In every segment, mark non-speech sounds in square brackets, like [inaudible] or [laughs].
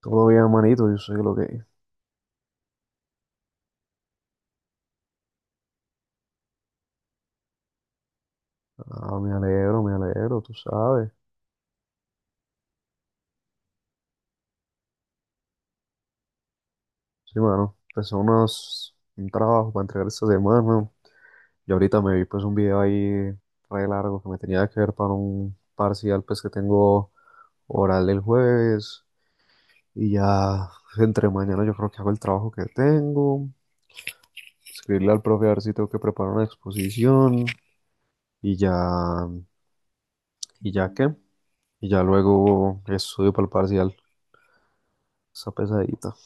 Todo bien, manito, yo sé lo que es. Ah, me alegro, tú sabes. Sí, mano, empecé un trabajo para entregar esta semana, ¿no? Y ahorita me vi pues un video ahí re largo que me tenía que ver para un parcial pues que tengo oral el jueves. Y ya entre mañana yo creo que hago el trabajo que tengo. Escribirle al profe a ver si tengo que preparar una exposición. Y ya, ¿Y ya qué? Y ya luego estudio para el parcial. Esa pesadita.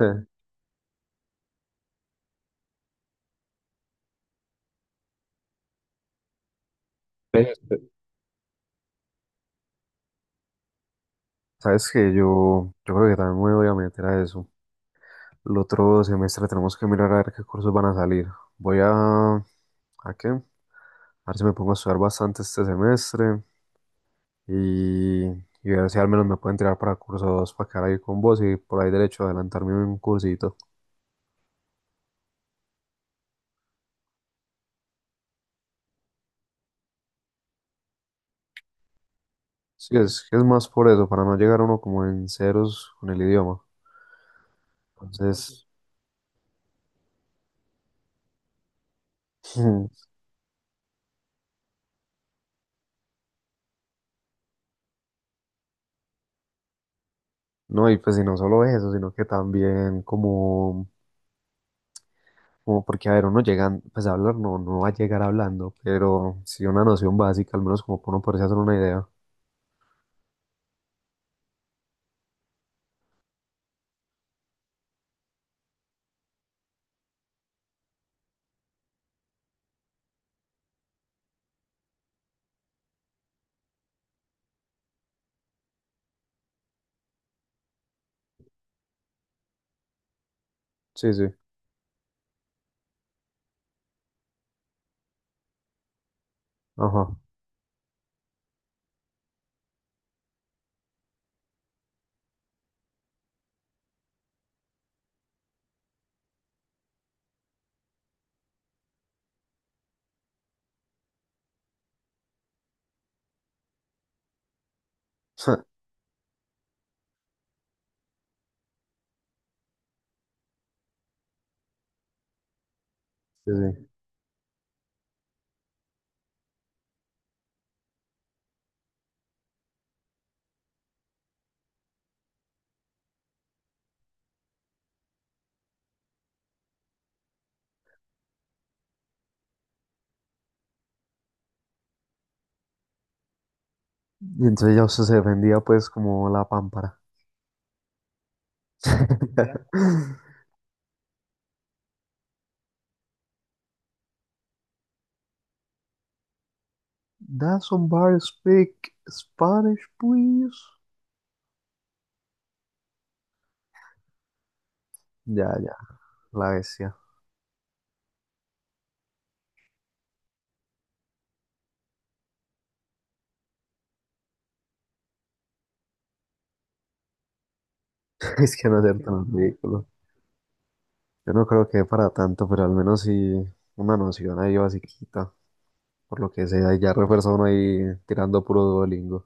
[laughs] Ve, sabes que yo creo que también me voy a meter a eso. El otro semestre tenemos que mirar a ver qué cursos van a salir. Voy ¿a qué? A ver si me pongo a estudiar bastante este semestre y ver si al menos me pueden tirar para cursos para quedar ahí con vos y por ahí derecho a adelantarme un cursito. Sí, es que es más por eso, para no llegar uno como en ceros con el idioma. Entonces, [laughs] no, y pues y no solo eso, sino que también como porque, a ver, uno llega, pues a hablar no, no va a llegar hablando, pero sí una noción básica, al menos como para uno poderse hacer una idea. Sí, sí, ajá. [laughs] Sí, sí. Y entonces ya usted se defendía pues como la pámpara. [laughs] Does somebody speak Spanish, please? Ya, ya, la bestia. [laughs] Es que no ser tan ridículo. Yo no creo que para tanto, pero al menos sí una noción ahí basiquita. Por lo que sea, y ya refuerza uno ahí tirando puro Duolingo.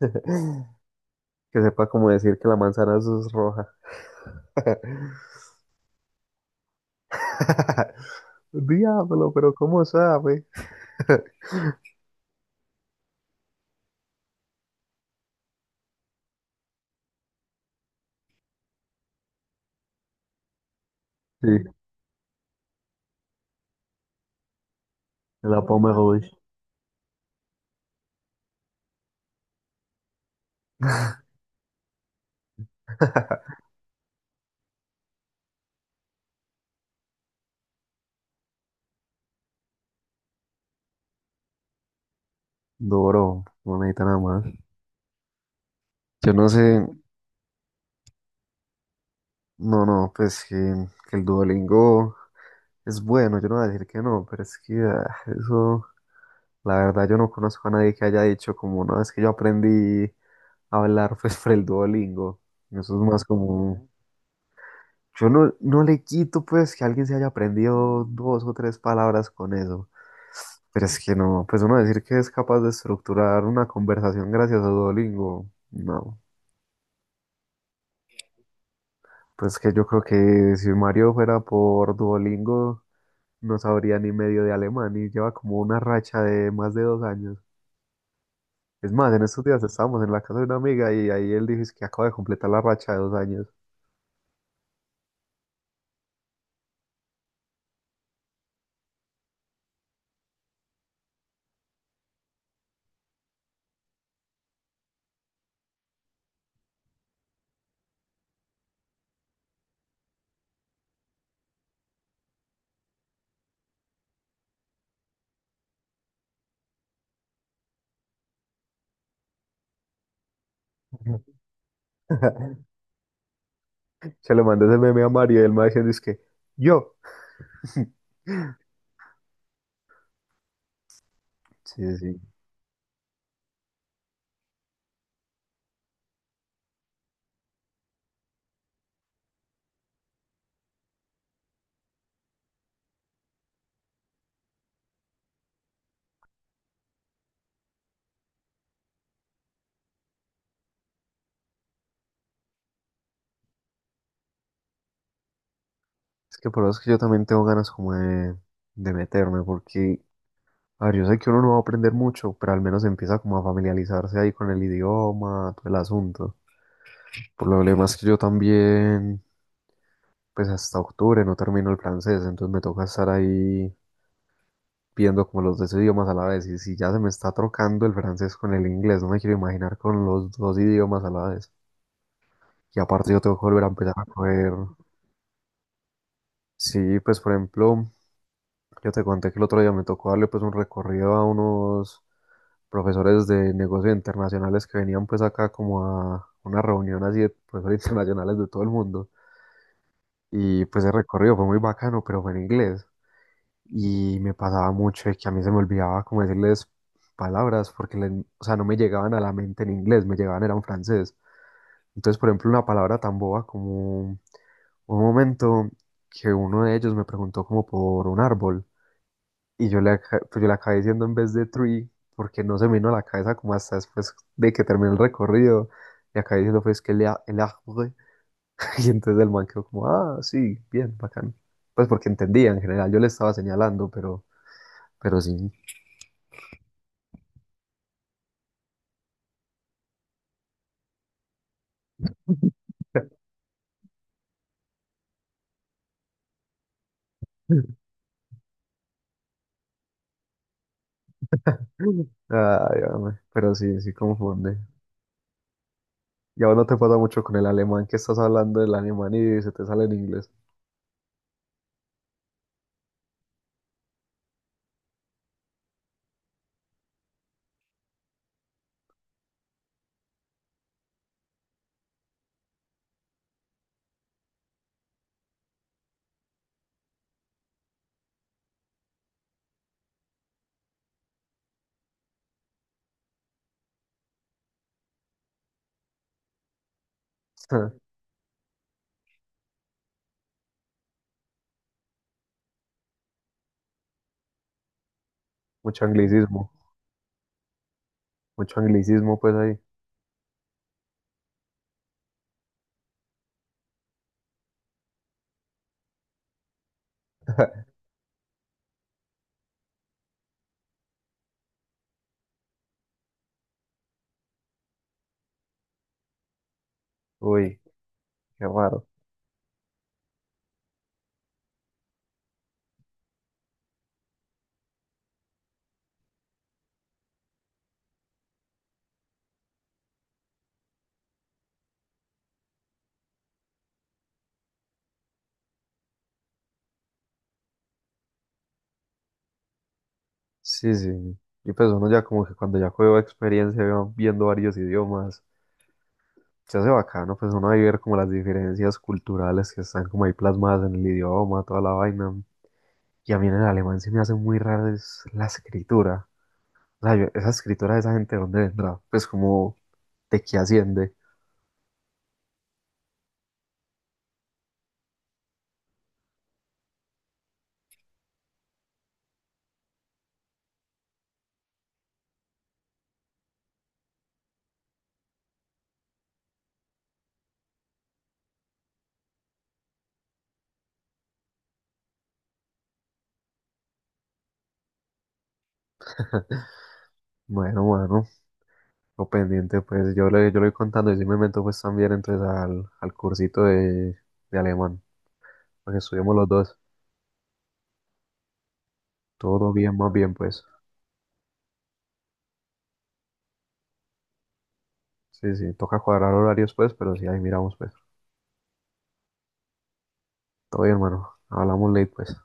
[laughs] Que sepa como decir que la manzana es roja. [laughs] Diablo, pero ¿cómo sabe? [laughs] Sí, la Pomerol. [laughs] Duro, no necesita nada más. Yo no sé, no, no, pues que el Duolingo es bueno, yo no voy a decir que no, pero es que eso, la verdad, yo no conozco a nadie que haya dicho como, no, es que yo aprendí a hablar [laughs] pues por el Duolingo. Eso es más como. Yo no le quito pues que alguien se haya aprendido dos o tres palabras con eso. Pero es que no, pues uno decir que es capaz de estructurar una conversación gracias a Duolingo, no. Pues que yo creo que si Mario fuera por Duolingo, no sabría ni medio de alemán y lleva como una racha de más de dos años. Es más, en estos días estábamos en la casa de una amiga y ahí él dijo: "Es que acaba de completar la racha de dos años". [laughs] Se le mandé ese meme a Mario y él me va diciendo es que yo. [laughs] Sí, sí. Es que por eso es que yo también tengo ganas como de meterme, porque, a ver, yo sé que uno no va a aprender mucho, pero al menos empieza como a familiarizarse ahí con el idioma, todo el asunto. Por lo demás que yo también, pues hasta octubre no termino el francés, entonces me toca estar ahí viendo como los dos idiomas a la vez. Y si ya se me está trocando el francés con el inglés, no me quiero imaginar con los dos idiomas a la vez. Y aparte yo tengo que volver a empezar a coger, sí, pues por ejemplo. Yo te conté que el otro día me tocó darle pues un recorrido a unos profesores de negocios internacionales que venían pues acá como a una reunión así de profesores [laughs] internacionales de todo el mundo. Y pues el recorrido fue muy bacano, pero fue en inglés. Y me pasaba mucho de que a mí se me olvidaba como decirles palabras porque, o sea, no me llegaban a la mente en inglés, me llegaban era en francés. Entonces, por ejemplo, una palabra tan boba como hubo un momento que uno de ellos me preguntó como por un árbol. Pues yo le acabé diciendo en vez de tree, porque no se me vino a la cabeza como hasta después de que terminé el recorrido. Le acabé diciendo pues que el arbre. [laughs] Y entonces el man quedó como, ah, sí, bien, bacán. Pues porque entendía en general, yo le estaba señalando, pero sí. [laughs] Ay, hombre, pero sí, sí confunde. Y ahora no te pasa mucho con el alemán que estás hablando del alemán y se te sale en inglés. [laughs] Mucho anglicismo, mucho anglicismo pues ahí. Uy, qué raro. Sí, sí. Y pues uno ya como que cuando ya cogió experiencia va viendo varios idiomas, se hace bacano, pues uno va a ver como las diferencias culturales que están como ahí plasmadas en el idioma, toda la vaina. Y a mí en el alemán se me hace muy raro es la escritura. O sea, esa escritura de esa gente, ¿de ¿dónde vendrá? Pues como, ¿de qué asciende? Bueno, bueno, lo pendiente, pues yo le voy contando y si me meto pues también entonces al cursito de alemán, para que estudiemos los dos. Todo bien, más bien, pues. Sí, sí, toca cuadrar horarios pues, pero sí, ahí miramos pues. Todo bien, hermano. Hablamos late pues.